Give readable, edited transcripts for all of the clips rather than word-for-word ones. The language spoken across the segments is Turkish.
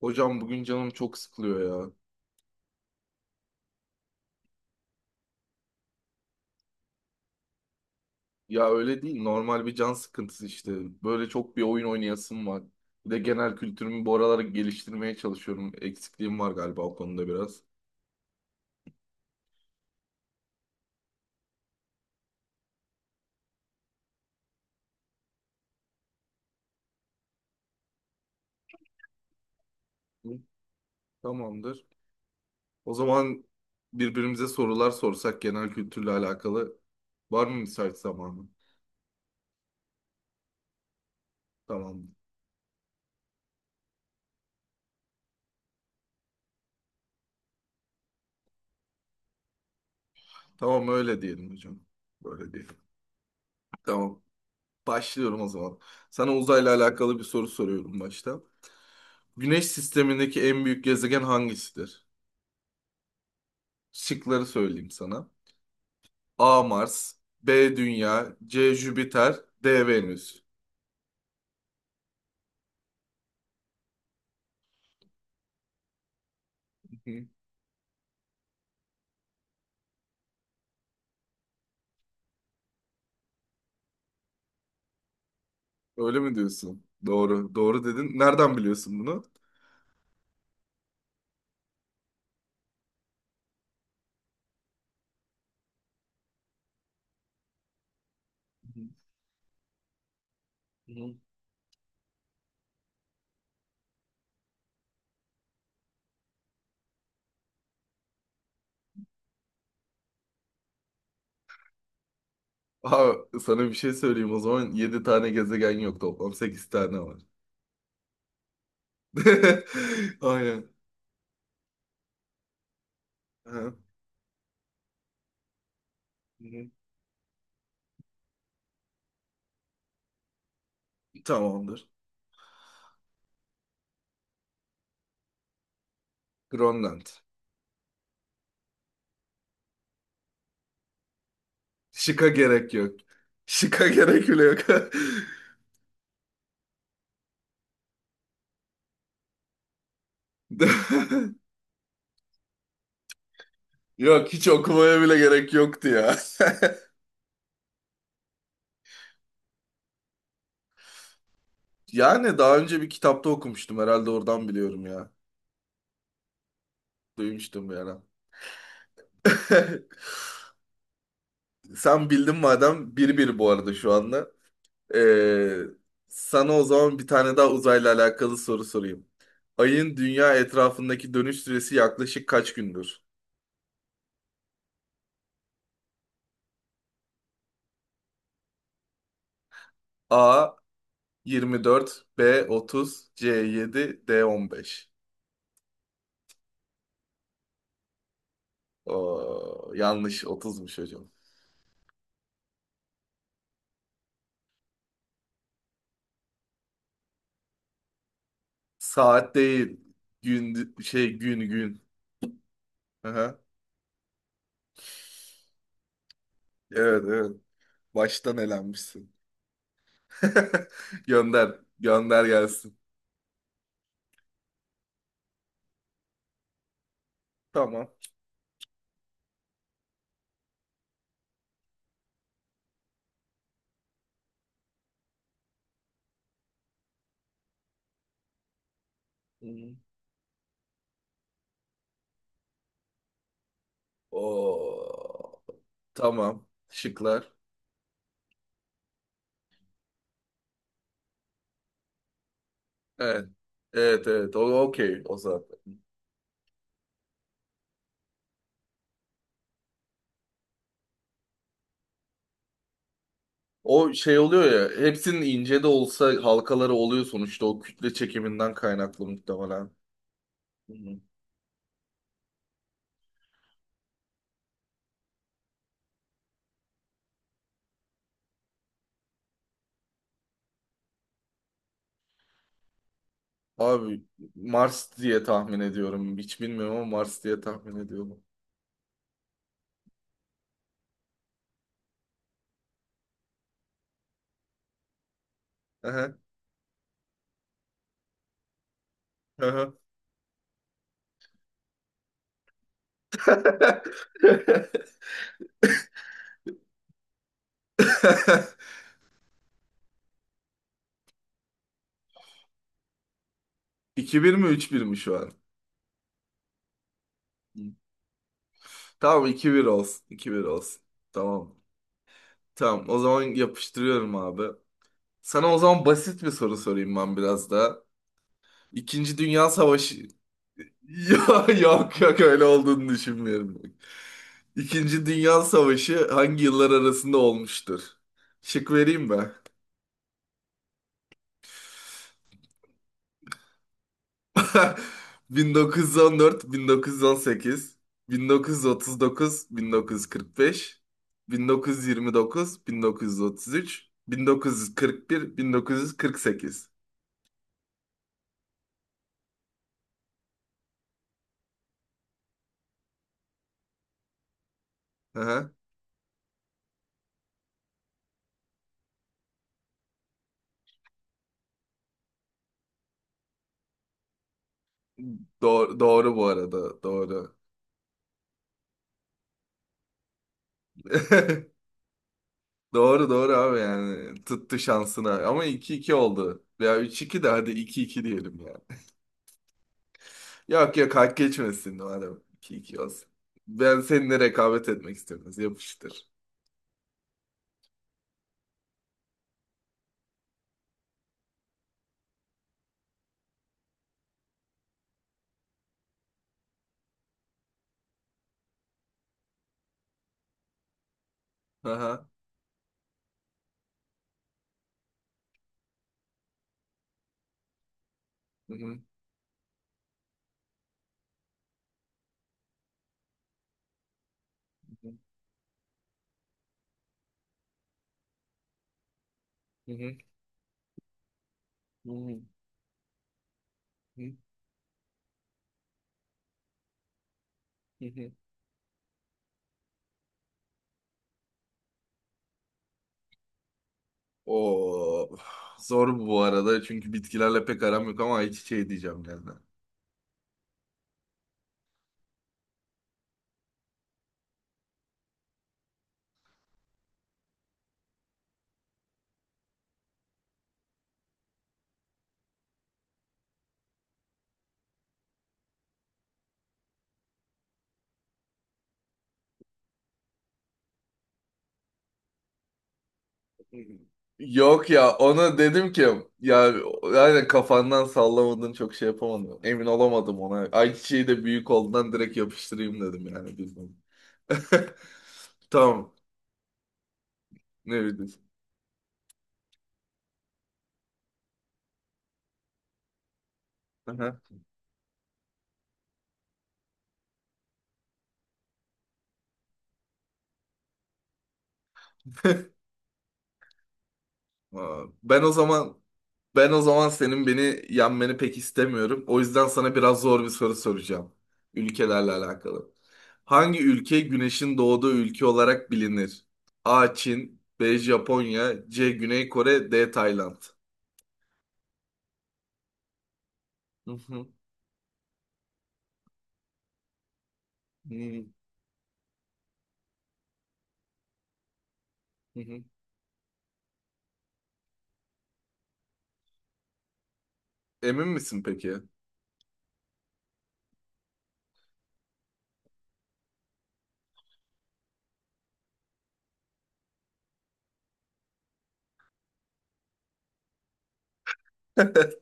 Hocam bugün canım çok sıkılıyor ya. Ya öyle değil normal bir can sıkıntısı işte. Böyle çok bir oyun oynayasım var. Bir de genel kültürümü bu aralar geliştirmeye çalışıyorum. Eksikliğim var galiba o konuda biraz. Hı. Tamamdır. O zaman birbirimize sorular sorsak genel kültürle alakalı. Var mı müsait zamanı? Tamam. Tamam öyle diyelim hocam. Böyle diyelim. Tamam. Başlıyorum o zaman. Sana uzayla alakalı bir soru soruyorum başta. Güneş sistemindeki en büyük gezegen hangisidir? Şıkları söyleyeyim sana. A. Mars, B. Dünya, C. Jüpiter, D. Venüs. Hı hı. Öyle mi diyorsun? Doğru. Doğru dedin. Nereden biliyorsun bunu? Hı hı. Aa, sana bir şey söyleyeyim o zaman. 7 tane gezegen yok toplam. 8 tane var. Aynen. Ha. Hı hı. Tamamdır. Grönland. Şıka gerek yok. Şıka gerek bile yok. Yok hiç okumaya bile gerek yoktu ya. Yani daha önce bir kitapta okumuştum herhalde oradan biliyorum ya. Duymuştum bir ara. Sen bildin madem 1-1 bu arada şu anda. Ee, sana o zaman bir tane daha uzayla alakalı soru sorayım. Ayın dünya etrafındaki dönüş süresi yaklaşık kaç gündür? A 24, B 30, C 7, D 15. Oo, yanlış 30'muş hocam. Saat değil. Gün şey gün gün. Aha. Evet evet. Baştan elenmişsin. Gönder. Gönder gelsin. Tamam. Hı hı. Oo, tamam. Şıklar. Evet. Evet evet. O okey o zaten. O şey oluyor ya. Hepsinin ince de olsa halkaları oluyor sonuçta. O kütle çekiminden kaynaklı muhtemelen. Hı hı. Abi Mars diye tahmin ediyorum. Hiç bilmiyorum ama Mars diye tahmin ediyorum. Aha, aha. 2-1 mi 3-1 mi şu an? Hı. Tamam 2-1 olsun. 2-1 olsun. Tamam. Tamam, o zaman yapıştırıyorum abi. Sana o zaman basit bir soru sorayım ben biraz da. İkinci Dünya Savaşı... Ya yok yok öyle olduğunu düşünmüyorum. İkinci Dünya Savaşı hangi yıllar arasında olmuştur? Şık vereyim mi? 1914, 1918, 1939, 1945, 1929, 1933, 1941, 1948. Doğru, doğru bu arada. Doğru. Doğru doğru abi yani. Tuttu şansına. Ama 2-2 oldu. Veya 3-2 de hadi iki 2 diyelim yani. Yok yok hak geçmesin madem. 2-2 olsun. Ben seninle rekabet etmek istiyorum. Yapıştır. Aha. Hı hı. Hı hı. Hı hı. Hı hı. Hı hı. O zor bu arada çünkü bitkilerle pek aram yok ama hiç şey diyeceğim yani. Yok ya ona dedim ki ya yani kafandan sallamadın çok şey yapamadım. Emin olamadım ona. Ayçiçeği de büyük olduğundan direkt yapıştırayım dedim yani bilmem. Tamam. Ne bileyim. Aha. Aa, Ben o zaman senin beni yenmeni pek istemiyorum. O yüzden sana biraz zor bir soru soracağım. Ülkelerle alakalı. Hangi ülke güneşin doğduğu ülke olarak bilinir? A. Çin, B. Japonya, C. Güney Kore, D. Tayland. Hı hı, hı hı, hı. Emin misin peki?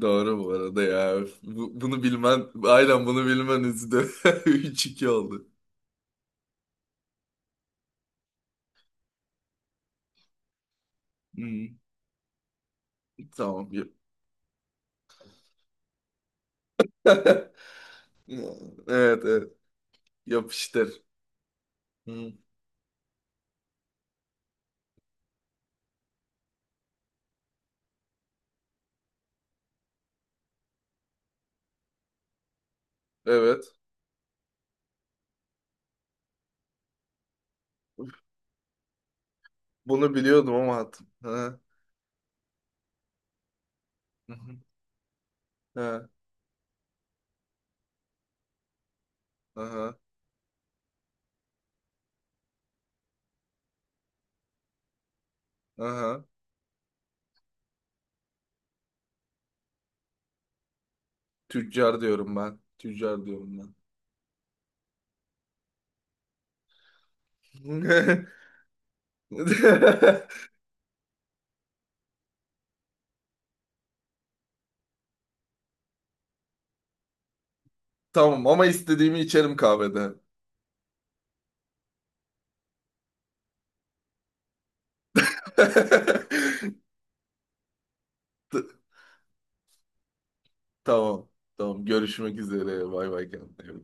Doğru bu arada ya. Bunu bilmen, aynen bunu bilmen üzdü. 3-2 oldu. Hı, tamam. Evet, evet. Yapıştır. Hı, evet. Bunu biliyordum ama attım. Ha, hı hı, ha, aha, aha. Tüccar diyorum ben. Tüccar diyorum ben. Tamam ama istediğimi içerim kahvede. T- Tamam. Tamam. Görüşmek üzere. Bay bay kendine.